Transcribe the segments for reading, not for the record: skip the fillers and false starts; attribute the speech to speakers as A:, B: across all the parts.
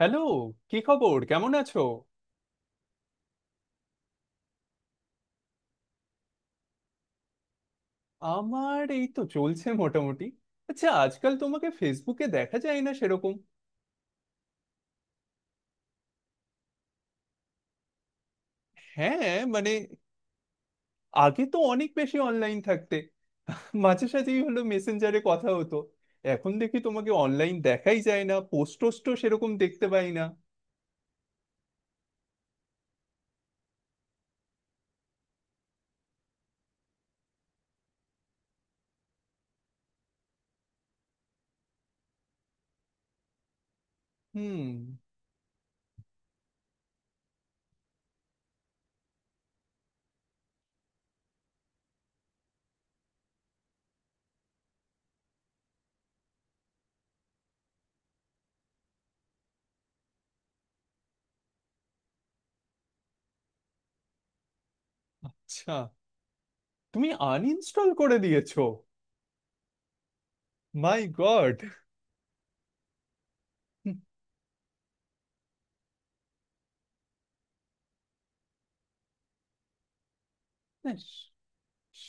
A: Hello. কি খবর, কেমন আছো? আমার এই তো চলছে মোটামুটি। আচ্ছা, আজকাল তোমাকে ফেসবুকে দেখা যায় না সেরকম। হ্যাঁ, মানে আগে তো অনেক বেশি অনলাইন থাকতে, মাঝে সাঝেই হলো মেসেঞ্জারে কথা হতো, এখন দেখি তোমাকে অনলাইন দেখাই যায় না, পোস্ট টোস্টও সেরকম দেখতে পাই না। হুম। আচ্ছা, তুমি আনইনস্টল করে দিয়েছো? My god.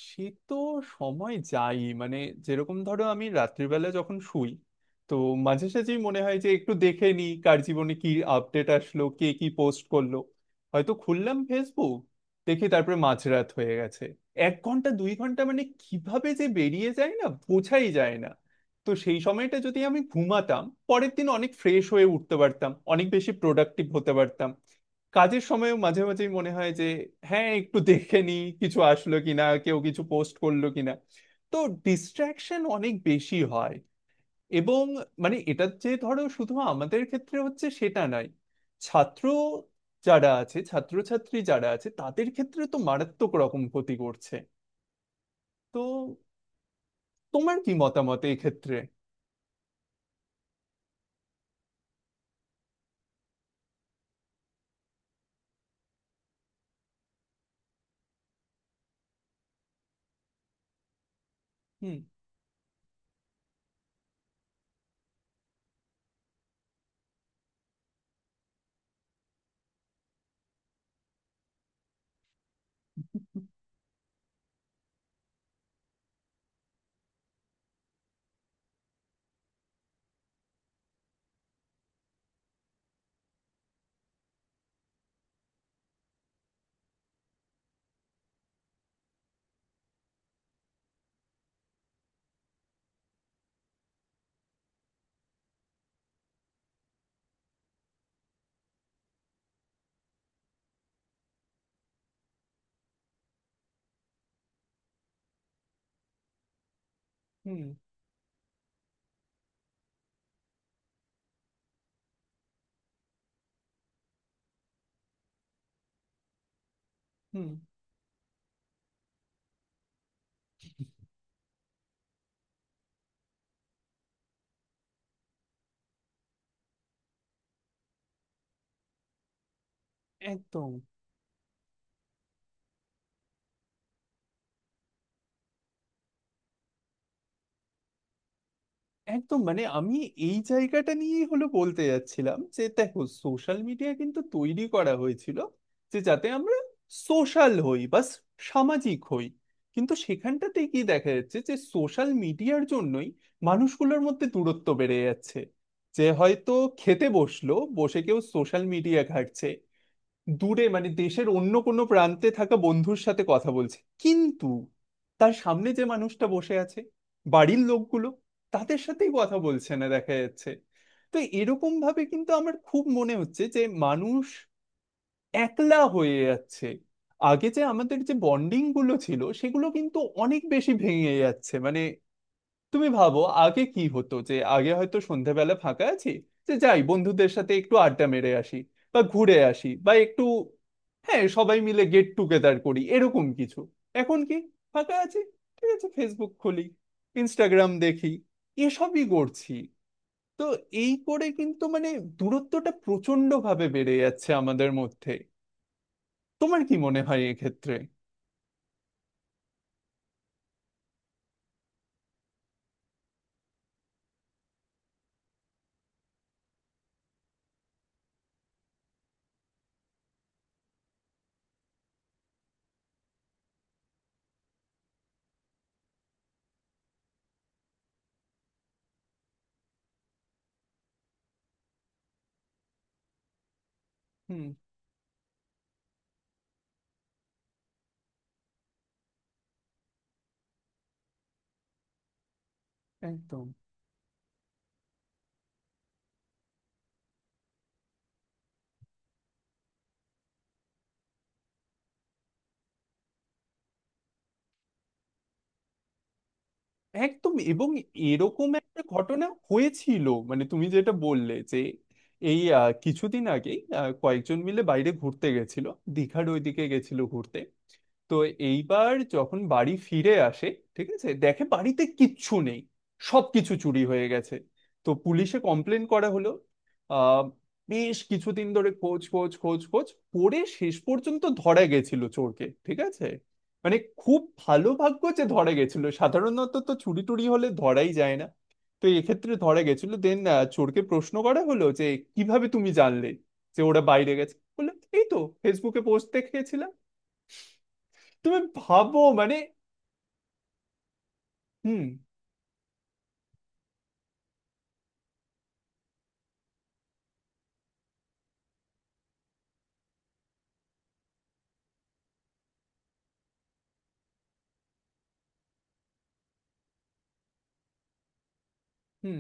A: সে তো সময়, যাই মানে, যেরকম ধরো আমি রাত্রিবেলা যখন শুই, তো মাঝে সাঝেই মনে হয় যে একটু দেখে নি কার জীবনে কি আপডেট আসলো, কে কি পোস্ট করলো। হয়তো খুললাম ফেসবুক, দেখি তারপরে মাঝরাত হয়ে গেছে। এক ঘন্টা দুই ঘন্টা মানে কিভাবে যে বেরিয়ে যায় না, বোঝাই যায় না। তো সেই সময়টা যদি আমি ঘুমাতাম পরের দিন অনেক ফ্রেশ হয়ে উঠতে পারতাম, অনেক বেশি প্রোডাক্টিভ হতে পারতাম। কাজের সময়ও মাঝে মাঝেই মনে হয় যে হ্যাঁ, একটু দেখে নি কিছু আসলো কিনা, কেউ কিছু পোস্ট করলো কিনা। তো ডিস্ট্রাকশন অনেক বেশি হয়। এবং মানে এটা যে ধরো শুধু আমাদের ক্ষেত্রে হচ্ছে সেটা নয়, ছাত্র যারা আছে, ছাত্রছাত্রী যারা আছে তাদের ক্ষেত্রে তো মারাত্মক রকম ক্ষতি করছে। তো তোমার কি মতামত এই ক্ষেত্রে? হুম। হুম। হুম। একদম। একদম মানে আমি এই জায়গাটা নিয়েই হলো বলতে যাচ্ছিলাম যে দেখো, সোশ্যাল মিডিয়া কিন্তু তৈরি করা হয়েছিল যে যাতে আমরা সোশ্যাল হই বা সামাজিক হই। কিন্তু সেখানটাতে কি দেখা যাচ্ছে যে সোশ্যাল মিডিয়ার জন্যই মানুষগুলোর মধ্যে দূরত্ব বেড়ে যাচ্ছে। যে হয়তো খেতে বসলো, বসে কেউ সোশ্যাল মিডিয়া ঘাঁটছে, দূরে মানে দেশের অন্য কোনো প্রান্তে থাকা বন্ধুর সাথে কথা বলছে, কিন্তু তার সামনে যে মানুষটা বসে আছে, বাড়ির লোকগুলো, তাদের সাথেই কথা বলছে না দেখা যাচ্ছে। তো এরকম ভাবে কিন্তু আমার খুব মনে হচ্ছে যে মানুষ একলা হয়ে যাচ্ছে। আগে যে আমাদের যে বন্ডিং গুলো ছিল সেগুলো কিন্তু অনেক বেশি ভেঙে যাচ্ছে মানে। তুমি ভাবো আগে কি হতো, যে আগে হয়তো সন্ধ্যাবেলা ফাঁকা আছি, যে যাই বন্ধুদের সাথে একটু আড্ডা মেরে আসি বা ঘুরে আসি বা একটু, হ্যাঁ, সবাই মিলে গেট টুগেদার করি এরকম কিছু। এখন কি, ফাঁকা আছি, ঠিক আছে ফেসবুক খুলি, ইনস্টাগ্রাম দেখি, এসবই করছি। তো এই করে কিন্তু মানে দূরত্বটা প্রচন্ড ভাবে বেড়ে যাচ্ছে আমাদের মধ্যে। তোমার কি মনে হয় এক্ষেত্রে? হুম। একদম। একদম। এবং এরকম একটা ঘটনা হয়েছিল মানে তুমি যেটা বললে যে, এই কিছুদিন আগেই কয়েকজন মিলে বাইরে ঘুরতে গেছিল, দীঘার ওইদিকে গেছিল ঘুরতে। তো এইবার যখন বাড়ি ফিরে আসে, ঠিক আছে, দেখে বাড়িতে কিচ্ছু নেই, সব কিছু চুরি হয়ে গেছে। তো পুলিশে কমপ্লেন করা হলো। আহ বেশ কিছুদিন ধরে খোঁজ খোঁজ খোঁজ খোঁজ, পরে শেষ পর্যন্ত ধরা গেছিল চোরকে। ঠিক আছে, মানে খুব ভালো ভাগ্য যে ধরা গেছিল, সাধারণত তো চুরি টুরি হলে ধরাই যায় না। তো এক্ষেত্রে ধরা গেছিল, দেন চোরকে প্রশ্ন করা হলো যে কিভাবে তুমি জানলে যে ওরা বাইরে গেছে। বললো, এই তো ফেসবুকে পোস্ট দেখেছিলাম। তুমি ভাবো মানে। হুম। হুম।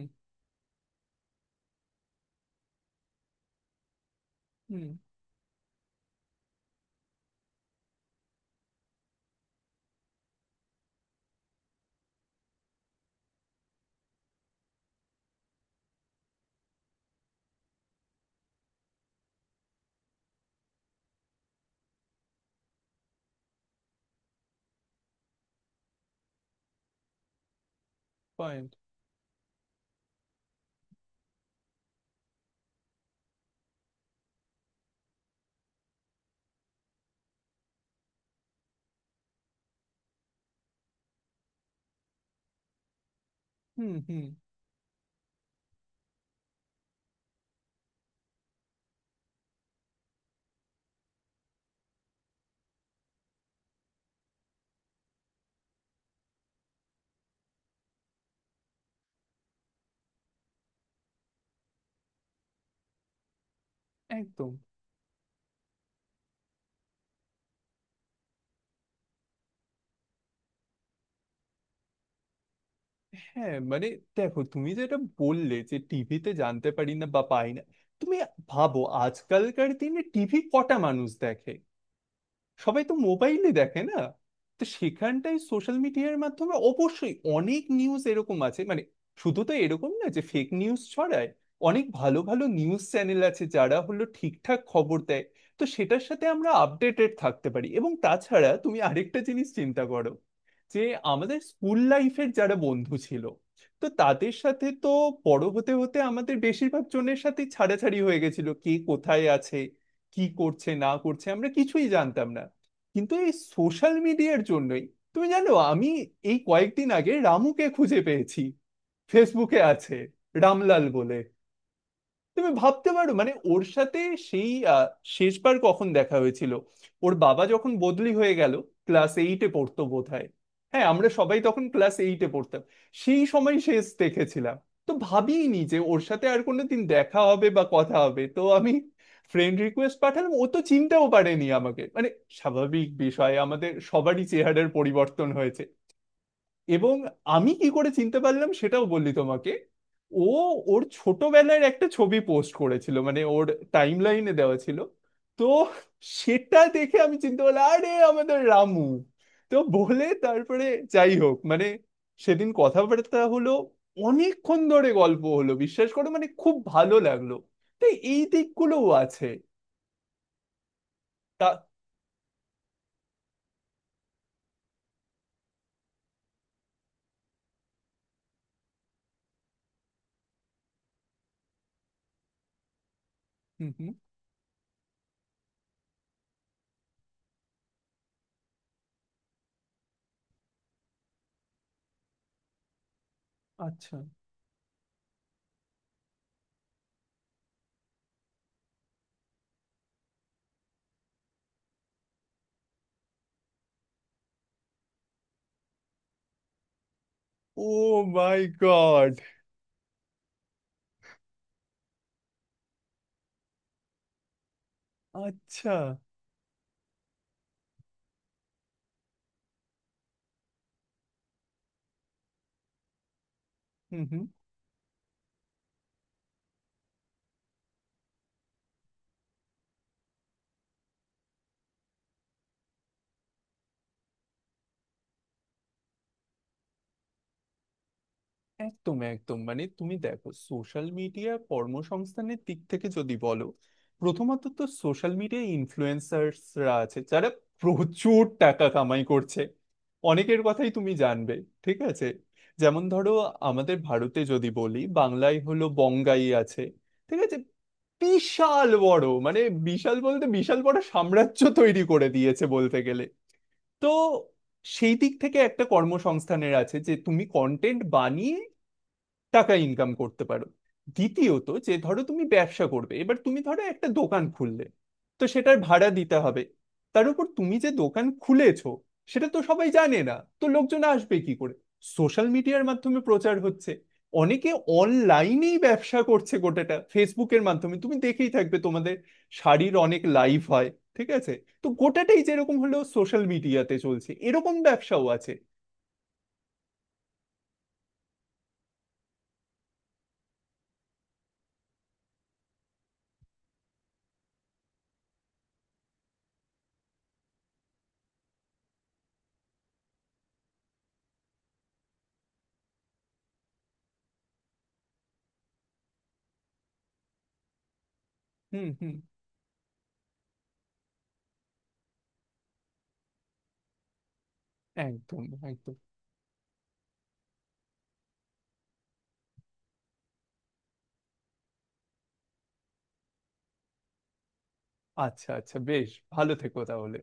A: হুম। পয়েন্ট। হুম। হুম। একদম। হ্যাঁ, মানে দেখো তুমি যেটা বললে যে টিভিতে জানতে পারি না বা পাই না, তুমি ভাবো আজকালকার দিনে টিভি কটা মানুষ দেখে, সবাই তো মোবাইলে দেখে না। তো সেখানটাই সোশ্যাল মিডিয়ার মাধ্যমে অবশ্যই অনেক নিউজ এরকম আছে মানে। শুধু তো এরকম না যে ফেক নিউজ ছড়ায়, অনেক ভালো ভালো নিউজ চ্যানেল আছে যারা হলো ঠিকঠাক খবর দেয়। তো সেটার সাথে আমরা আপডেটেড থাকতে পারি। এবং তাছাড়া তুমি আরেকটা জিনিস চিন্তা করো, যে আমাদের স্কুল লাইফের যারা বন্ধু ছিল, তো তাদের সাথে তো বড় হতে হতে আমাদের বেশিরভাগ জনের সাথে ছাড়াছাড়ি হয়ে গেছিল, কে কোথায় আছে, কি করছে না করছে আমরা কিছুই জানতাম না। কিন্তু এই সোশ্যাল মিডিয়ার জন্যই, তুমি জানো, আমি এই কয়েকদিন আগে রামুকে খুঁজে পেয়েছি। ফেসবুকে আছে, রামলাল বলে। তুমি ভাবতে পারো মানে ওর সাথে সেই শেষবার কখন দেখা হয়েছিল, ওর বাবা যখন বদলি হয়ে গেল, ক্লাস এইটে পড়তো বোধহয়। হ্যাঁ, আমরা সবাই তখন ক্লাস এইটে পড়তাম। সেই সময় শেষ দেখেছিলাম। তো ভাবিনি যে ওর সাথে আর কোনোদিন দেখা হবে বা কথা হবে। তো আমি ফ্রেন্ড রিকোয়েস্ট পাঠালাম, ও তো চিনতেও পারেনি আমাকে, মানে স্বাভাবিক বিষয়, আমাদের সবারই চেহারার পরিবর্তন হয়েছে। এবং আমি কি করে চিনতে পারলাম সেটাও বললি তোমাকে, ও ওর ছোটবেলার একটা ছবি পোস্ট করেছিল, মানে ওর টাইম লাইনে দেওয়া ছিল। তো সেটা দেখে আমি চিনতে পারলাম আরে আমাদের রামু তো, বলে তারপরে যাই হোক মানে সেদিন কথাবার্তা হলো, অনেকক্ষণ ধরে গল্প হলো, বিশ্বাস করো মানে খুব ভালো লাগলো। তো এই দিকগুলোও আছে। তা। হুম। হুম। আচ্ছা। ও মাই গড। আচ্ছা। হুম। হুম। একদম। একদম মানে তুমি দেখো সোশ্যাল মিডিয়া কর্মসংস্থানের দিক থেকে যদি বলো, প্রথমত তো সোশ্যাল মিডিয়া ইনফ্লুয়েন্সার্সরা আছে যারা প্রচুর টাকা কামাই করছে, অনেকের কথাই তুমি জানবে। ঠিক আছে, যেমন ধরো আমাদের ভারতে যদি বলি বাংলায় হলো বঙ্গাই আছে। ঠিক আছে, বিশাল বড় মানে বিশাল বলতে বিশাল বড় সাম্রাজ্য তৈরি করে দিয়েছে বলতে গেলে। তো সেই দিক থেকে একটা কর্মসংস্থানের আছে যে তুমি কন্টেন্ট বানিয়ে টাকা ইনকাম করতে পারো। দ্বিতীয়ত যে ধরো তুমি ব্যবসা করবে, এবার তুমি ধরো একটা দোকান খুললে, তো সেটার ভাড়া দিতে হবে। তার উপর তুমি যে দোকান খুলেছো সেটা তো সবাই জানে না, তো লোকজন আসবে কি করে? সোশ্যাল মিডিয়ার মাধ্যমে প্রচার হচ্ছে। অনেকে অনলাইনেই ব্যবসা করছে গোটাটা ফেসবুকের মাধ্যমে, তুমি দেখেই থাকবে তোমাদের শাড়ির অনেক লাইভ হয়। ঠিক আছে, তো গোটাটাই যেরকম হলো সোশ্যাল মিডিয়াতে চলছে, এরকম ব্যবসাও আছে। হুম। হুম। একদম। একদম। আচ্ছা, আচ্ছা, বেশ ভালো থেকো তাহলে।